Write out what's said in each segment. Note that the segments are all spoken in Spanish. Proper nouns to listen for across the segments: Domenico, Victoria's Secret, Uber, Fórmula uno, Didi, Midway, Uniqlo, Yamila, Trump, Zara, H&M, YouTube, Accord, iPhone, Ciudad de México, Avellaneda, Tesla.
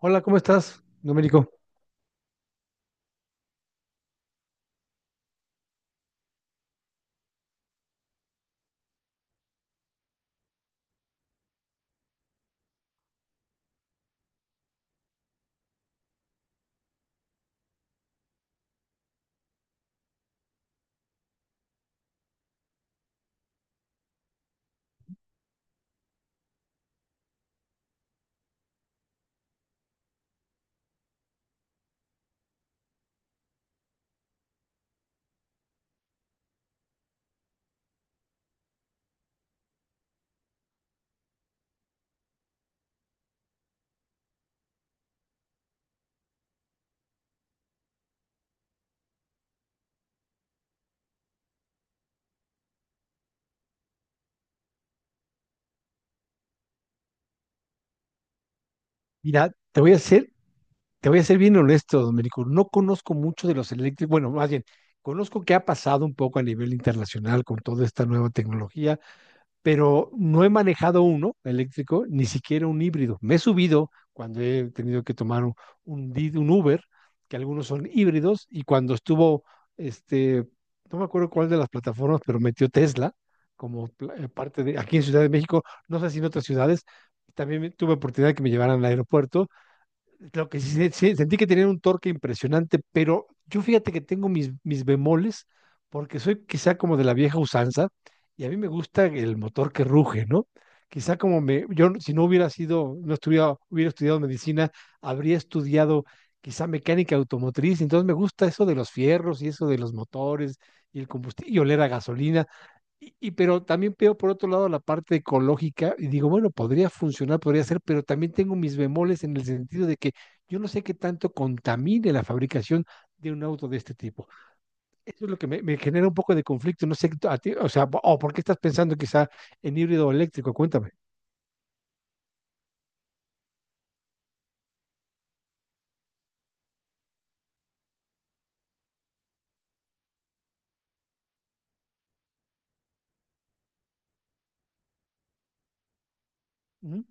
Hola, ¿cómo estás, Domenico? Mira, te voy a ser bien honesto, Domenico. No conozco mucho de los eléctricos. Bueno, más bien, conozco qué ha pasado un poco a nivel internacional con toda esta nueva tecnología, pero no he manejado uno eléctrico, ni siquiera un híbrido. Me he subido cuando he tenido que tomar un Uber, que algunos son híbridos, y cuando estuvo, este, no me acuerdo cuál de las plataformas, pero metió Tesla como parte de, aquí en Ciudad de México, no sé si en otras ciudades, también tuve oportunidad de que me llevaran al aeropuerto. Lo que sí, sí, sentí que tenían un torque impresionante, pero yo fíjate que tengo mis bemoles, porque soy quizá como de la vieja usanza, y a mí me gusta el motor que ruge, ¿no? Quizá como me, yo no- si no hubiera sido, no estuviera, hubiera estudiado medicina, habría estudiado quizá mecánica automotriz, entonces me gusta eso de los fierros y eso de los motores y el combustible, y oler a gasolina. Pero también veo por otro lado la parte ecológica y digo, bueno, podría funcionar, podría ser, pero también tengo mis bemoles en el sentido de que yo no sé qué tanto contamine la fabricación de un auto de este tipo. Eso es lo que me genera un poco de conflicto. No sé, a ti, o sea, o por qué estás pensando quizá en híbrido eléctrico, cuéntame. Ujú.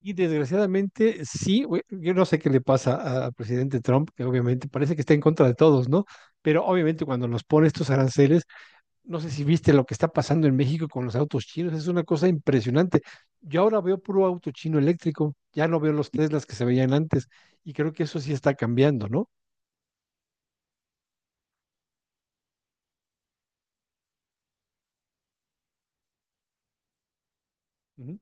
Y desgraciadamente, sí, güey, yo no sé qué le pasa al presidente Trump, que obviamente parece que está en contra de todos, ¿no? Pero obviamente cuando nos pone estos aranceles, no sé si viste lo que está pasando en México con los autos chinos, es una cosa impresionante. Yo ahora veo puro auto chino eléctrico, ya no veo los Teslas que se veían antes, y creo que eso sí está cambiando, ¿no? Ujú.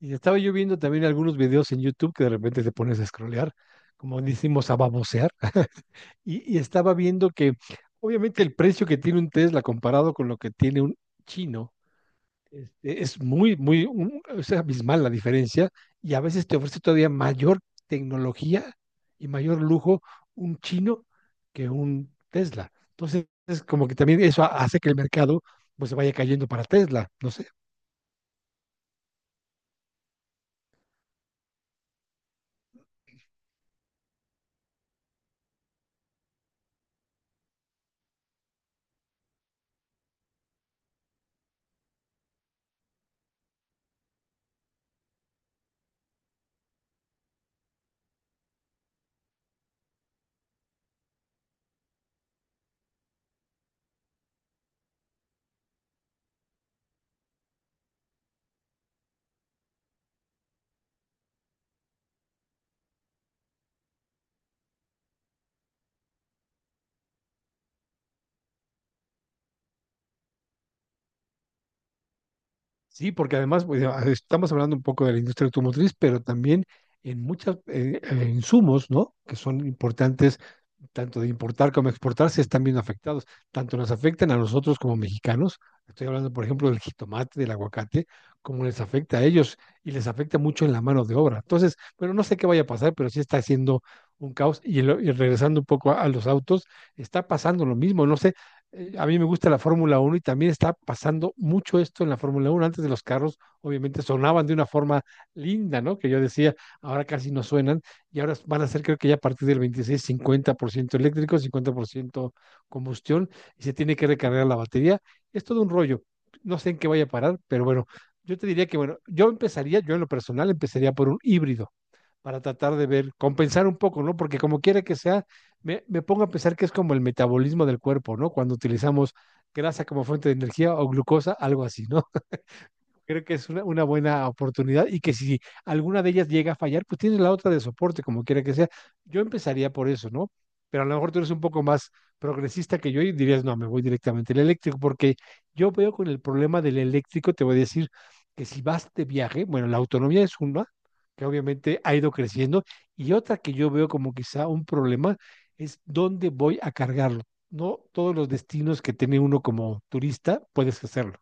Y estaba yo viendo también algunos videos en YouTube que de repente te pones a scrollear, como decimos, a babosear. Y, y estaba viendo que obviamente el precio que tiene un Tesla comparado con lo que tiene un chino, este, es muy, muy, es abismal la diferencia, y a veces te ofrece todavía mayor tecnología y mayor lujo un chino que un Tesla. Entonces, es como que también eso hace que el mercado pues se vaya cayendo para Tesla, no sé. Sí, porque además pues, ya estamos hablando un poco de la industria automotriz, pero también en muchos insumos, ¿no? Que son importantes tanto de importar como exportar, se están viendo afectados. Tanto nos afectan a nosotros como mexicanos, estoy hablando, por ejemplo, del jitomate, del aguacate, como les afecta a ellos y les afecta mucho en la mano de obra. Entonces, bueno, no sé qué vaya a pasar, pero sí está haciendo un caos. Y, regresando un poco a, los autos, está pasando lo mismo. No sé, a mí me gusta la Fórmula 1 y también está pasando mucho esto en la Fórmula 1. Antes de los carros, obviamente, sonaban de una forma linda, ¿no? Que yo decía, ahora casi no suenan, y ahora van a ser creo que ya a partir del 26 50% eléctrico, 50% combustión, y se tiene que recargar la batería. Es todo un rollo. No sé en qué vaya a parar, pero bueno, yo te diría que, bueno, yo empezaría, yo en lo personal, empezaría por un híbrido para tratar de ver, compensar un poco, ¿no? Porque como quiera que sea, me pongo a pensar que es como el metabolismo del cuerpo, ¿no? Cuando utilizamos grasa como fuente de energía o glucosa, algo así, ¿no? Creo que es una buena oportunidad y que si alguna de ellas llega a fallar, pues tienes la otra de soporte, como quiera que sea. Yo empezaría por eso, ¿no? Pero a lo mejor tú eres un poco más progresista que yo y dirías, no, me voy directamente al eléctrico, porque yo veo con el problema del eléctrico, te voy a decir que si vas de viaje, bueno, la autonomía es una, que obviamente ha ido creciendo, y otra que yo veo como quizá un problema es dónde voy a cargarlo. No todos los destinos que tiene uno como turista puedes hacerlo.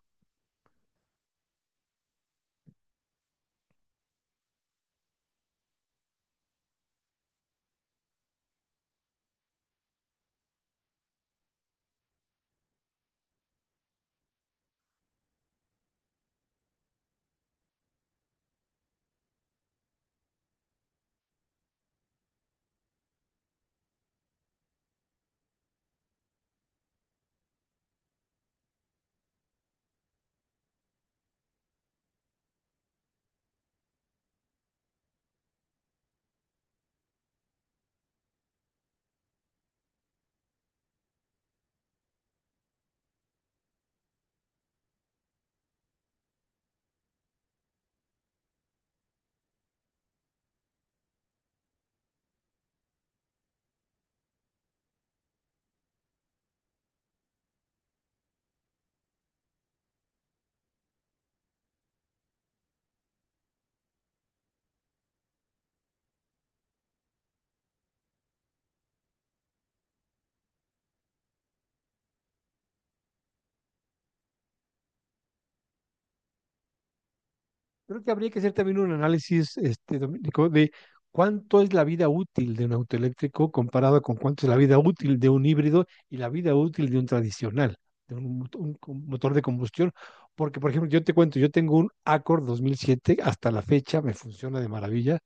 Creo que habría que hacer también un análisis, este, Domenico, de cuánto es la vida útil de un auto eléctrico comparado con cuánto es la vida útil de un híbrido y la vida útil de un tradicional, de un motor de combustión. Porque, por ejemplo, yo te cuento, yo tengo un Accord 2007, hasta la fecha me funciona de maravilla.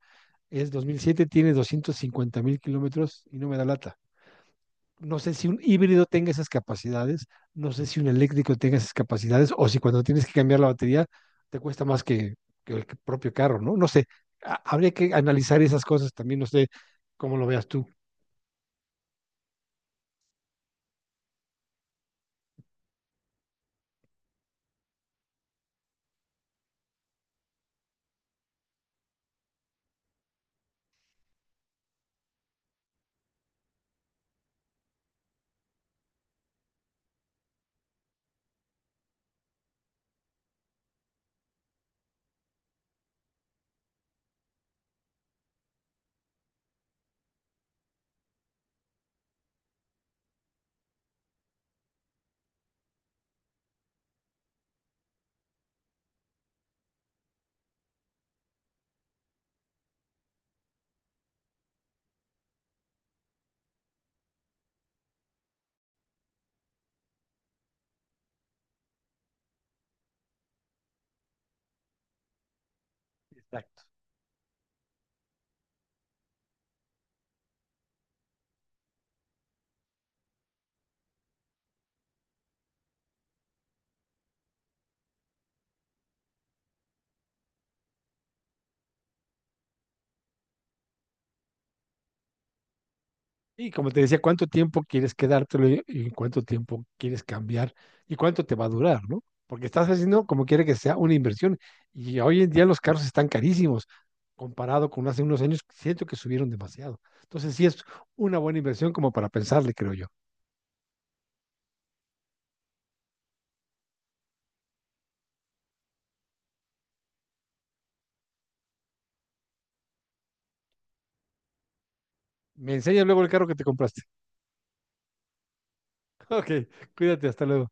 Es 2007, tiene 250 mil kilómetros y no me da lata. No sé si un híbrido tenga esas capacidades, no sé si un eléctrico tenga esas capacidades, o si cuando tienes que cambiar la batería te cuesta más que el propio carro, ¿no? No sé, habría que analizar esas cosas también, no sé cómo lo veas tú. Exacto. Y como te decía, ¿cuánto tiempo quieres quedártelo y cuánto tiempo quieres cambiar y cuánto te va a durar, ¿no? Porque estás haciendo como quiere que sea una inversión. Y hoy en día los carros están carísimos comparado con hace unos años, siento que subieron demasiado. Entonces sí es una buena inversión como para pensarle, creo yo. Me enseñas luego el carro que te compraste. Ok, cuídate, hasta luego.